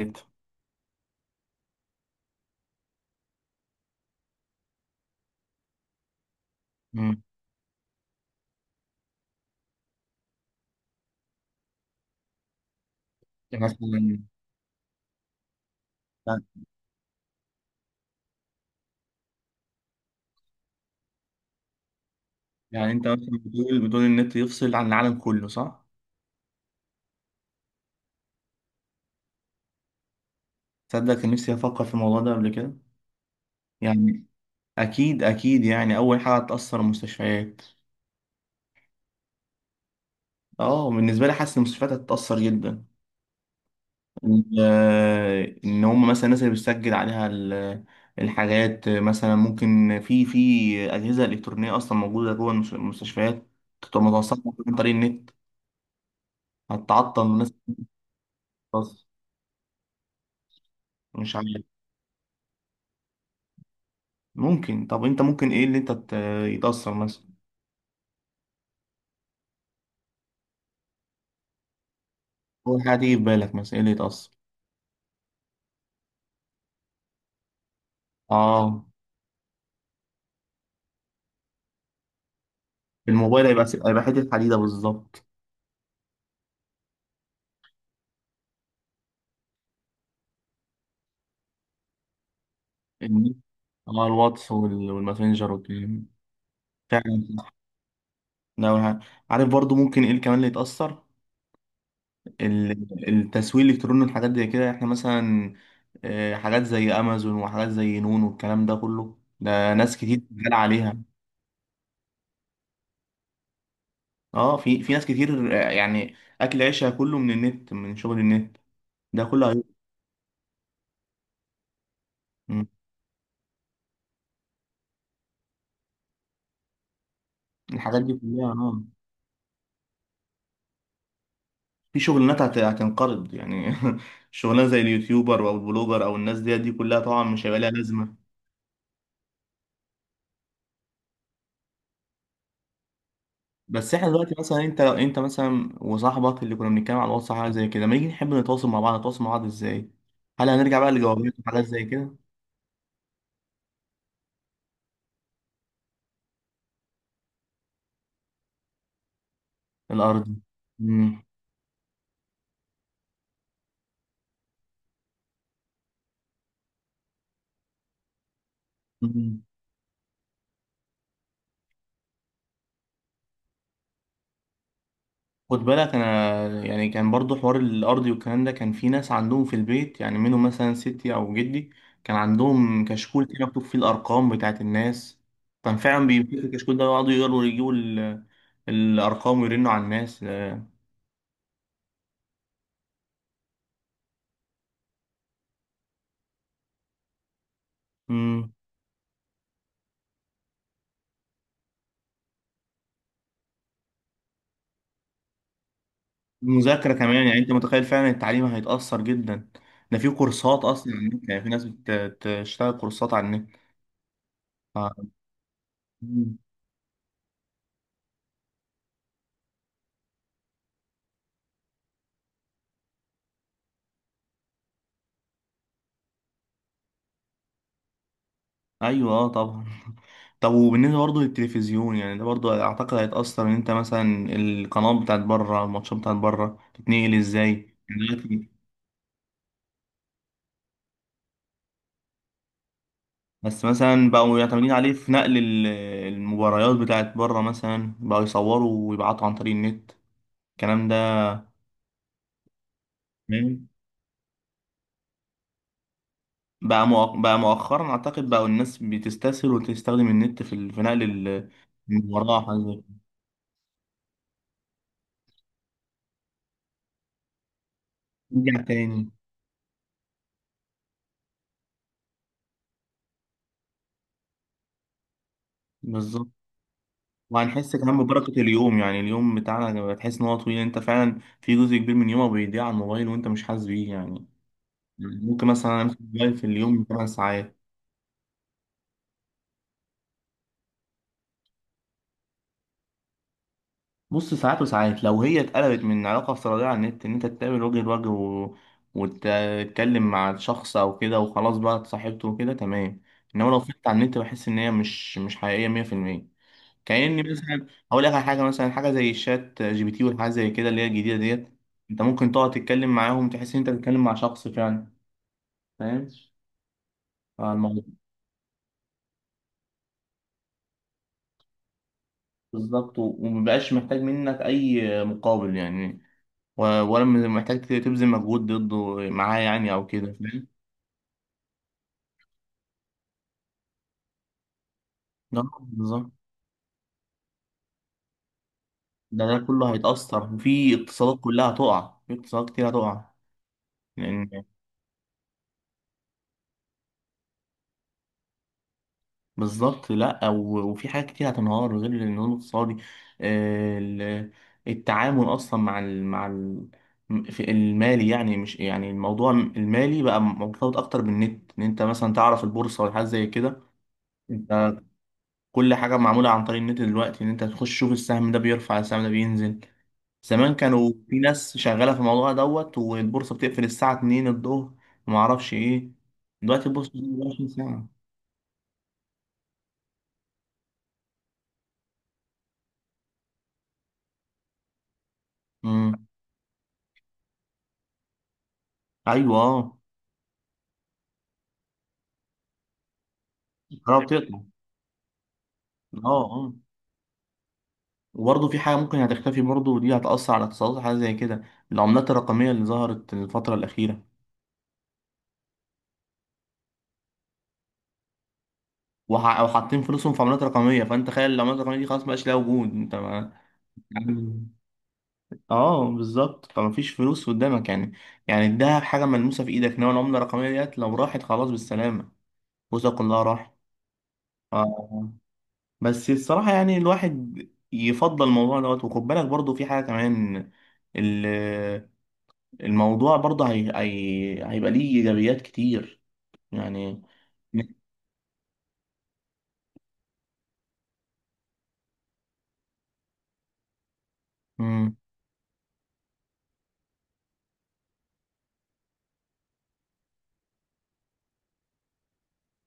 جدا. مم. يعني مثلا يعني يعني انت مثلا بتقول النت يفصل عن العالم كله، صح؟ تصدق، كان نفسي افكر في الموضوع ده قبل كده. يعني اكيد اكيد، يعني اول حاجه هتاثر المستشفيات. اه، بالنسبه لي حاسس المستشفيات هتتاثر جدا. ان هم مثلا الناس اللي بتسجل عليها الحاجات، مثلا ممكن في اجهزه الكترونيه اصلا موجوده جوه المستشفيات، تبقى متوصله عن طريق النت، هتعطل الناس. خلاص، مش عارف. ممكن. طب انت ممكن ايه اللي انت يتأثر مثلا؟ اول حاجة تيجي في بالك مثلا ايه اللي يتأثر؟ اه، الموبايل هيبقى هيبقى حتة حديدة بالظبط. النت، اه الواتس والماسنجر والكلام. فعلا صح، ده اول حاجة. عارف برضو ممكن ايه كمان اللي يتأثر؟ التسويق الالكتروني والحاجات زي كده، احنا مثلا حاجات زي امازون وحاجات زي نون والكلام ده كله، ده ناس كتير شغال عليها. اه، في ناس كتير يعني اكل عيشها كله من النت، من شغل النت ده كله. هيبقى الحاجات دي كلها، اه. في شغلانات هتنقرض يعني. شغلانه زي اليوتيوبر او البلوجر او الناس دي كلها طبعا مش هيبقى لها لازمه. بس احنا دلوقتي، مثلا انت لو انت مثلا وصاحبك اللي كنا بنتكلم على الواتس حاجه زي كده، لما نيجي نحب نتواصل مع بعض، نتواصل مع بعض ازاي؟ هل هنرجع بقى لجوابات وحاجات زي كده؟ الارض. خد بالك انا يعني كان برضو حوار الارضي والكلام ده، كان في ناس عندهم في البيت يعني، منهم مثلا ستي او جدي، كان عندهم كشكول كده مكتوب فيه الارقام بتاعت الناس. كان فعلا بيمسكوا الكشكول ده ويقعدوا يقروا يجيبوا الارقام ويرنوا على الناس. امم. المذاكره كمان يعني، انت متخيل؟ فعلا التعليم هيتاثر جدا. ده في كورسات اصلا على النت، يعني في ناس بتشتغل كورسات على النت. ف- مم. ايوه، اه، طبعا. طب وبالنسبة برضه للتلفزيون يعني، ده برضه أعتقد هيتأثر. إن أنت مثلا القنوات بتاعت بره، الماتشات بتاعت بره تتنقل إزاي دلوقتي؟ بس مثلا بقوا يعتمدين عليه في نقل المباريات بتاعت بره، مثلا بقوا يصوروا ويبعتوا عن طريق النت الكلام ده. تمام. بقى مؤخرا أعتقد بقوا الناس بتستسهل وتستخدم النت في في نقل المباراة حاجة زي كده. نرجع تاني، بالظبط. وهنحس كمان ببركة اليوم، يعني اليوم بتاعنا لما تحس ان هو طويل، انت فعلا في جزء كبير من يومك بيضيع على الموبايل وانت مش حاسس بيه يعني. ممكن مثلا امسك الموبايل في اليوم 8 ساعات. بص، ساعات وساعات، لو هي اتقلبت من علاقة افتراضية على النت ان انت تتقابل وجه لوجه وتتكلم مع شخص او كده، وخلاص بقى اتصاحبته وكده تمام. انما لو فضلت على النت بحس ان هي مش حقيقية 100%. كأني مثلا هقول لك على حاجه، مثلا حاجه زي الشات جي بي تي والحاجات زي كده، اللي هي الجديده ديت. انت ممكن تقعد تتكلم معاهم، تحس ان انت بتتكلم مع شخص فعلا، فاهم؟ فالموضوع. بالظبط، ومبقاش محتاج منك اي مقابل يعني، ولا محتاج تبذل مجهود ضده معاه يعني او كده، فاهم؟ ده بالظبط. ده كله هيتأثر، وفي اقتصادات كلها هتقع، في اقتصادات كتير هتقع. بالظبط لا، وفي حاجات كتير هتنهار غير النمو الاقتصادي. آه، ال- التعامل اصلا مع ال مع ال في المالي يعني، مش يعني، الموضوع المالي بقى مرتبط اكتر بالنت، ان انت مثلا تعرف البورصه ولا حاجه زي كده. انت كل حاجه معموله عن طريق النت دلوقتي، ان انت تخش تشوف السهم ده بيرفع، السهم ده بينزل. زمان كانوا في ناس شغاله في الموضوع دوت، والبورصه بتقفل الساعه 2 الظهر، وما اعرفش ايه. دلوقتي البورصه 24 ساعه. امم، ايوه، اه، قربت، اه، اه. وبرضه في حاجة ممكن هتختفي برضه، ودي هتأثر على الاقتصادات، حاجة زي كده العملات الرقمية اللي ظهرت الفترة الأخيرة. أو حاطين فلوسهم في عملات رقمية، فأنت تخيل العملات الرقمية دي خلاص مبقاش لها وجود، أنت ما... يعني اه، بالظبط، فمفيش فلوس قدامك يعني. يعني الدهب حاجة ملموسة في إيدك، إنما العملة الرقمية ديت لو راحت، خلاص بالسلامة، فلوسك كلها راحت. آه. آه. بس الصراحة يعني الواحد يفضل الموضوع دوت. وخد بالك برضه في حاجة كمان، الموضوع برضه هيبقى ليه إيجابيات كتير يعني. مم.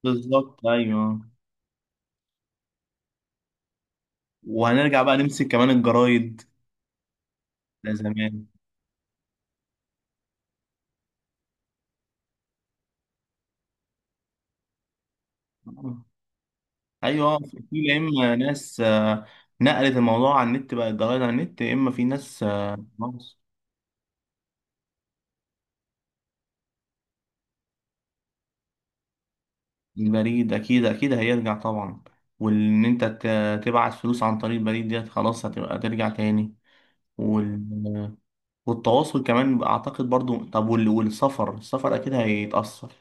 بالظبط، أيوه. وهنرجع بقى نمسك كمان الجرايد، ده زمان. أيوه، في يا إما ناس نقلت الموضوع على النت بقى الجرايد على النت، يا إما في ناس خلاص. البريد أكيد أكيد هيرجع طبعا. وإن أنت تبعت فلوس عن طريق البريد ديت خلاص هتبقى ترجع تاني وال... والتواصل كمان اعتقد برضو. طب والسفر، السفر اكيد هيتأثر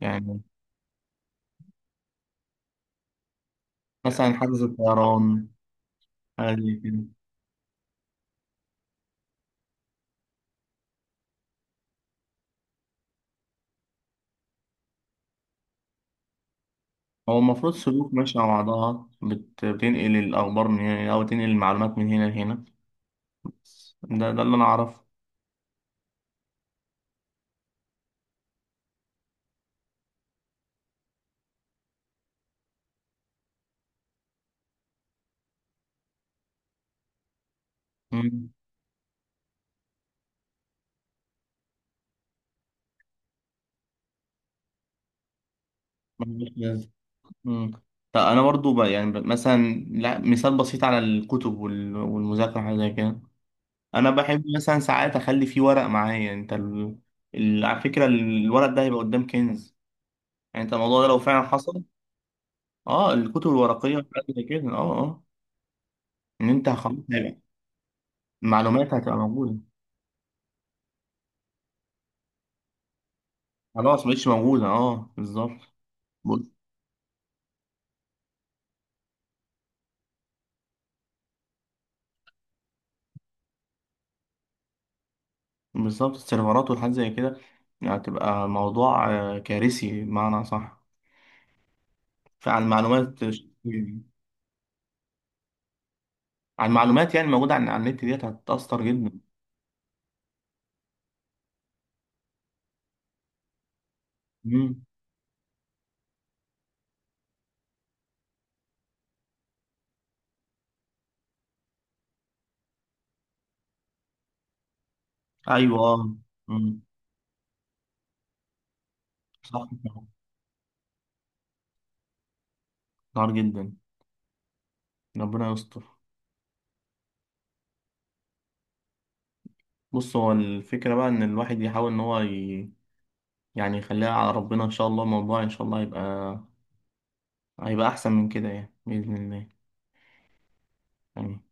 يعني. مثلا حجز الطيران حاجة زي كده. هو المفروض سلوك ماشية مع بعضها بتنقل الأخبار من هنا، أو تنقل المعلومات من هنا لهنا. بس ده اللي أنا أعرفه. مم. ملوش لازمة. مم. طب أنا برضو بقى يعني مثلا، لا، مثال بسيط على الكتب والمذاكرة حاجة زي كده. أنا بحب مثلا ساعات أخلي فيه ورق معايا. أنت على فكرة الورق ده هيبقى قدام كنز يعني. أنت الموضوع ده لو فعلا حصل. أه، الكتب الورقية حاجة زي كده، أه، أه، ان انت خلاص معلومات هتبقى موجودة. خلاص مش موجودة، اه، بالظبط. بص- بالظبط، السيرفرات والحاجات زي كده هتبقى موضوع كارثي، بمعنى صح. فعن المعلومات عن المعلومات يعني الموجودة عن على النت ديت هتتأثر جدا. مم. أيوه، اه. مم. صح. نار جدا، ربنا يستر. بص هو الفكرة بقى إن الواحد يحاول إن هو يعني يخليها على ربنا إن شاء الله، الموضوع إن شاء الله هيبقى أحسن من كده يعني بإذن الله. آمين.